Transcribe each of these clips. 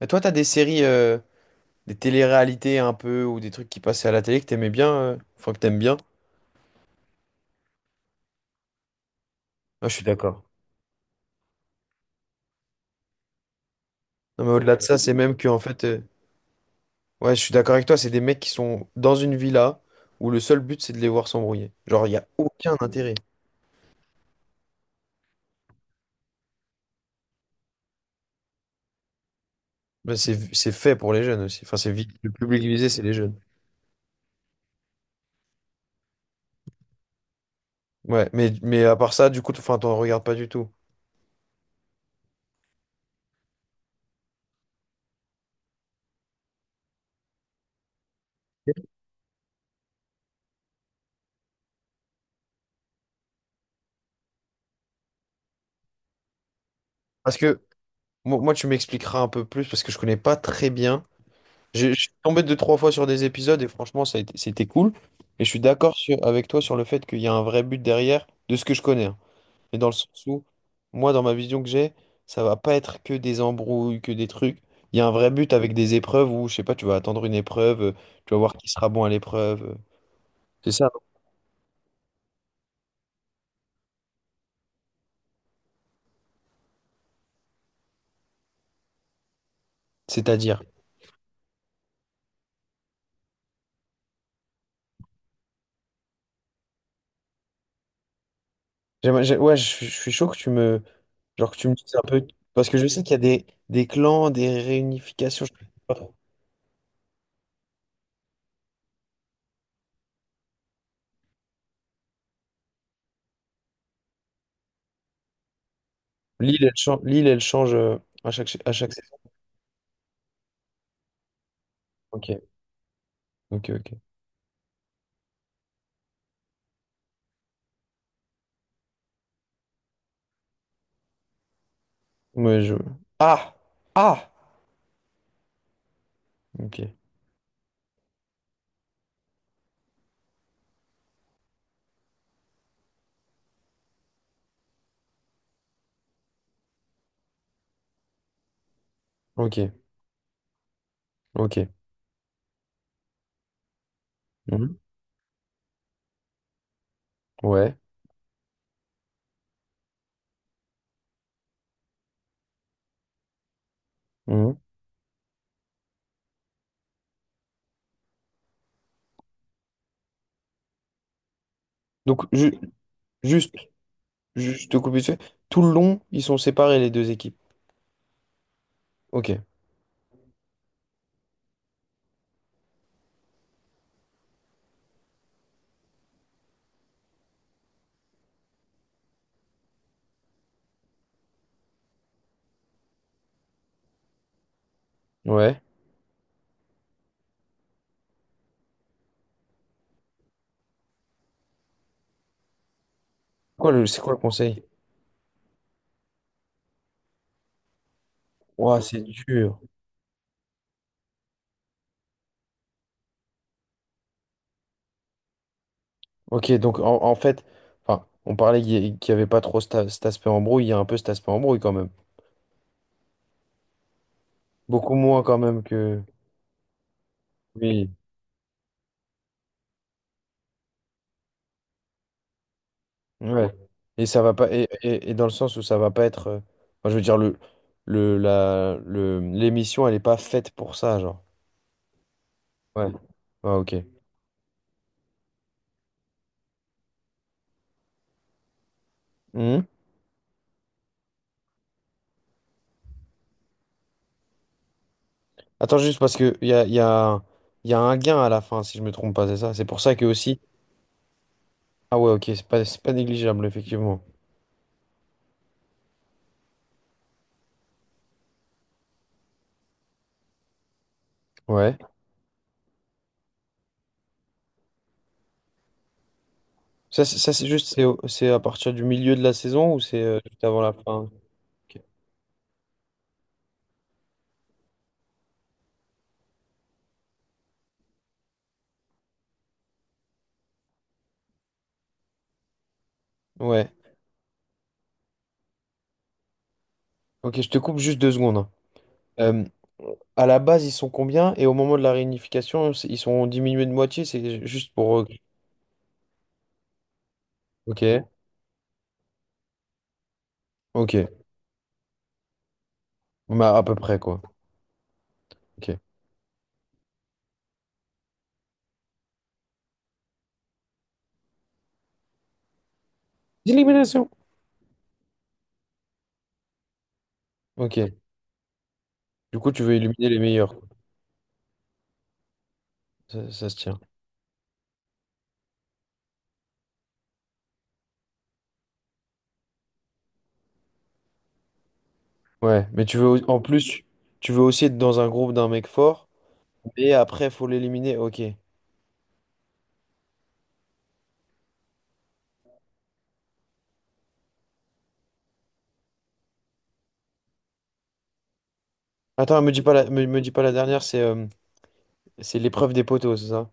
Mais toi, t'as des séries, des télé-réalités un peu, ou des trucs qui passaient à la télé que t'aimais bien, enfin que t'aimes bien. Ah, je suis d'accord. Non, mais au-delà de ça, c'est même que, en fait, ouais, je suis d'accord avec toi, c'est des mecs qui sont dans une villa où le seul but, c'est de les voir s'embrouiller. Genre, il n'y a aucun intérêt. Mais c'est fait pour les jeunes aussi. Enfin, le public visé, c'est les jeunes. Ouais, mais à part ça, du coup, enfin, t'en regardes pas du tout. Parce que, moi, tu m'expliqueras un peu plus, parce que je connais pas très bien. Je suis tombé deux, trois fois sur des épisodes et franchement, c'était cool. Et je suis d'accord avec toi sur le fait qu'il y a un vrai but derrière de ce que je connais, hein. Mais dans le sens où, moi, dans ma vision que j'ai, ça va pas être que des embrouilles, que des trucs. Il y a un vrai but avec des épreuves où, je sais pas, tu vas attendre une épreuve, tu vas voir qui sera bon à l'épreuve. C'est ça, non, c'est-à-dire. Ouais, je suis chaud que genre que tu me dises un peu. Parce que je sais qu'il y a des clans, des réunifications, je sais pas trop. L'île, elle change à chaque saison. Ok. Ok, ok. Ouais, je... Ah! Ah! Ok, ok, ok. Mhm. Ouais. Mhm. Donc, juste, juste te couper dessus. Tout le long, ils sont séparés, les deux équipes. Ok, ouais. Quoi, c'est quoi le conseil? Ouah, c'est dur. Ok, donc en fait, enfin, on parlait qu'il y avait pas trop cet aspect embrouille, il y a un peu cet aspect embrouille quand même. Beaucoup moins quand même que... Oui. Ouais. Et ça va pas et dans le sens où ça va pas être enfin, je veux dire le la le l'émission elle est pas faite pour ça genre. Ouais. Ouais, OK. Mhm. Attends juste parce que il y a il y a il y a un gain à la fin si je me trompe pas, c'est ça? C'est pour ça que aussi... Ah ouais, OK, c'est pas négligeable effectivement. Ouais. C'est juste c'est à partir du milieu de la saison ou c'est juste avant la fin? Ok. Ouais. OK, je te coupe juste deux secondes, hein. Euh, À la base, ils sont combien? Et au moment de la réunification, ils sont diminués de moitié, c'est juste pour... Ok, ok. Bah, à peu près, quoi. Ok. Élimination. Ok. Du coup, tu veux éliminer les meilleurs, quoi. Ça se tient. Ouais, mais tu veux... En plus, tu veux aussi être dans un groupe d'un mec fort, mais après, faut l'éliminer. Ok. Attends, me dis pas la dernière, c'est l'épreuve des poteaux, c'est ça?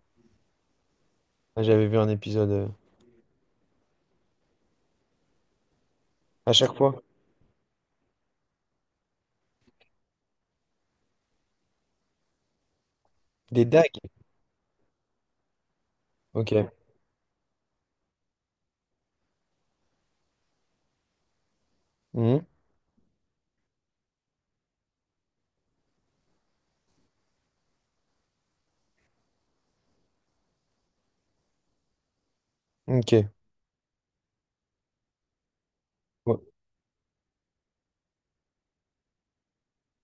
Ah, j'avais vu un épisode... À chaque fois. Des dagues. Ok. Mhm. Ok. Ouais.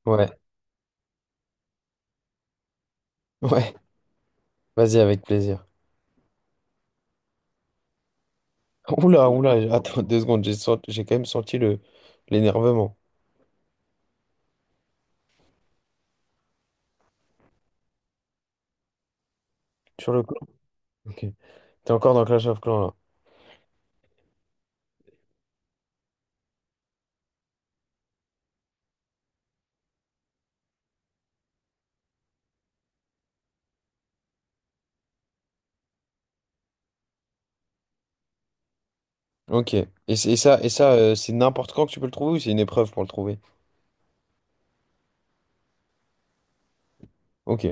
Ouais. Ouais. Vas-y, avec plaisir. Oula, oula, attends deux secondes, j'ai quand même senti le l'énervement sur le clan. Ok. T'es encore dans Clash of Clans là. Ok. Et, et ça, c'est n'importe quand que tu peux le trouver ou c'est une épreuve pour le trouver? Ok.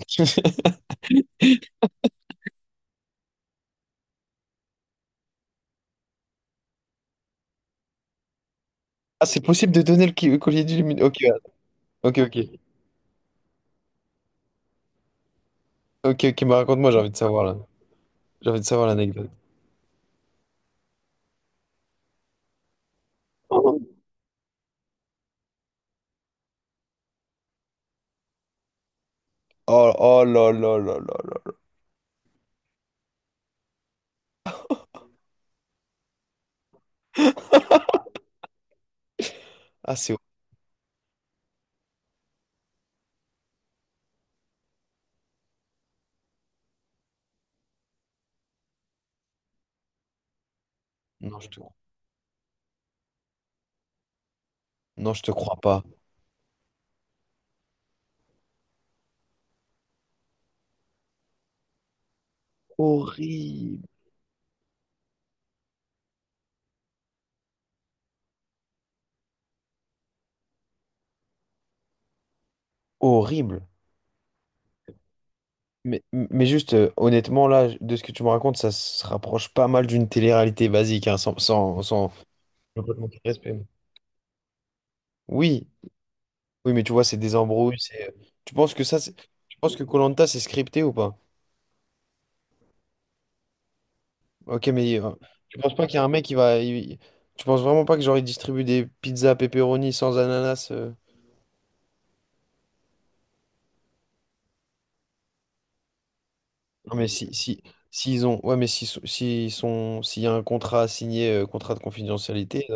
Ah, c'est possible de donner le collier du Ok, ok, ok. Ok, ok, bah raconte-moi, j'ai envie de savoir là. J'ai envie de savoir l'anecdote. Oh, oh là là là là là. Ah, c'est... Non, je te... non, je te crois pas. Horrible. Horrible. Mais juste, honnêtement, là, de ce que tu me racontes, ça se rapproche pas mal d'une télé-réalité basique, hein, Oui, oui, mais tu vois, c'est des embrouilles, c'est... Tu penses que ça, c'est... Tu penses que koh c'est scripté ou pas? Ok, mais tu penses pas qu'il y a un mec qui va... Tu penses vraiment pas que genre, il distribue des pizzas pepperoni sans ananas? Non, mais si, si, s'ils ont... Ouais, mais s'ils sont... S'il y a un contrat signé, contrat de confidentialité...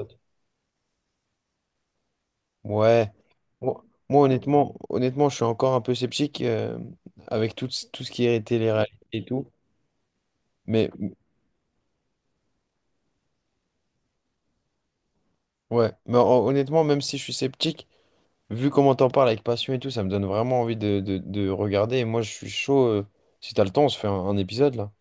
Ouais. Moi, honnêtement, honnêtement, je suis encore un peu sceptique avec tout, tout ce qui est télé-réalité et tout. Mais ouais, mais honnêtement, même si je suis sceptique, vu comment t'en parles avec passion et tout, ça me donne vraiment envie de, de regarder. Et moi, je suis chaud. Si t'as le temps, on se fait un épisode là.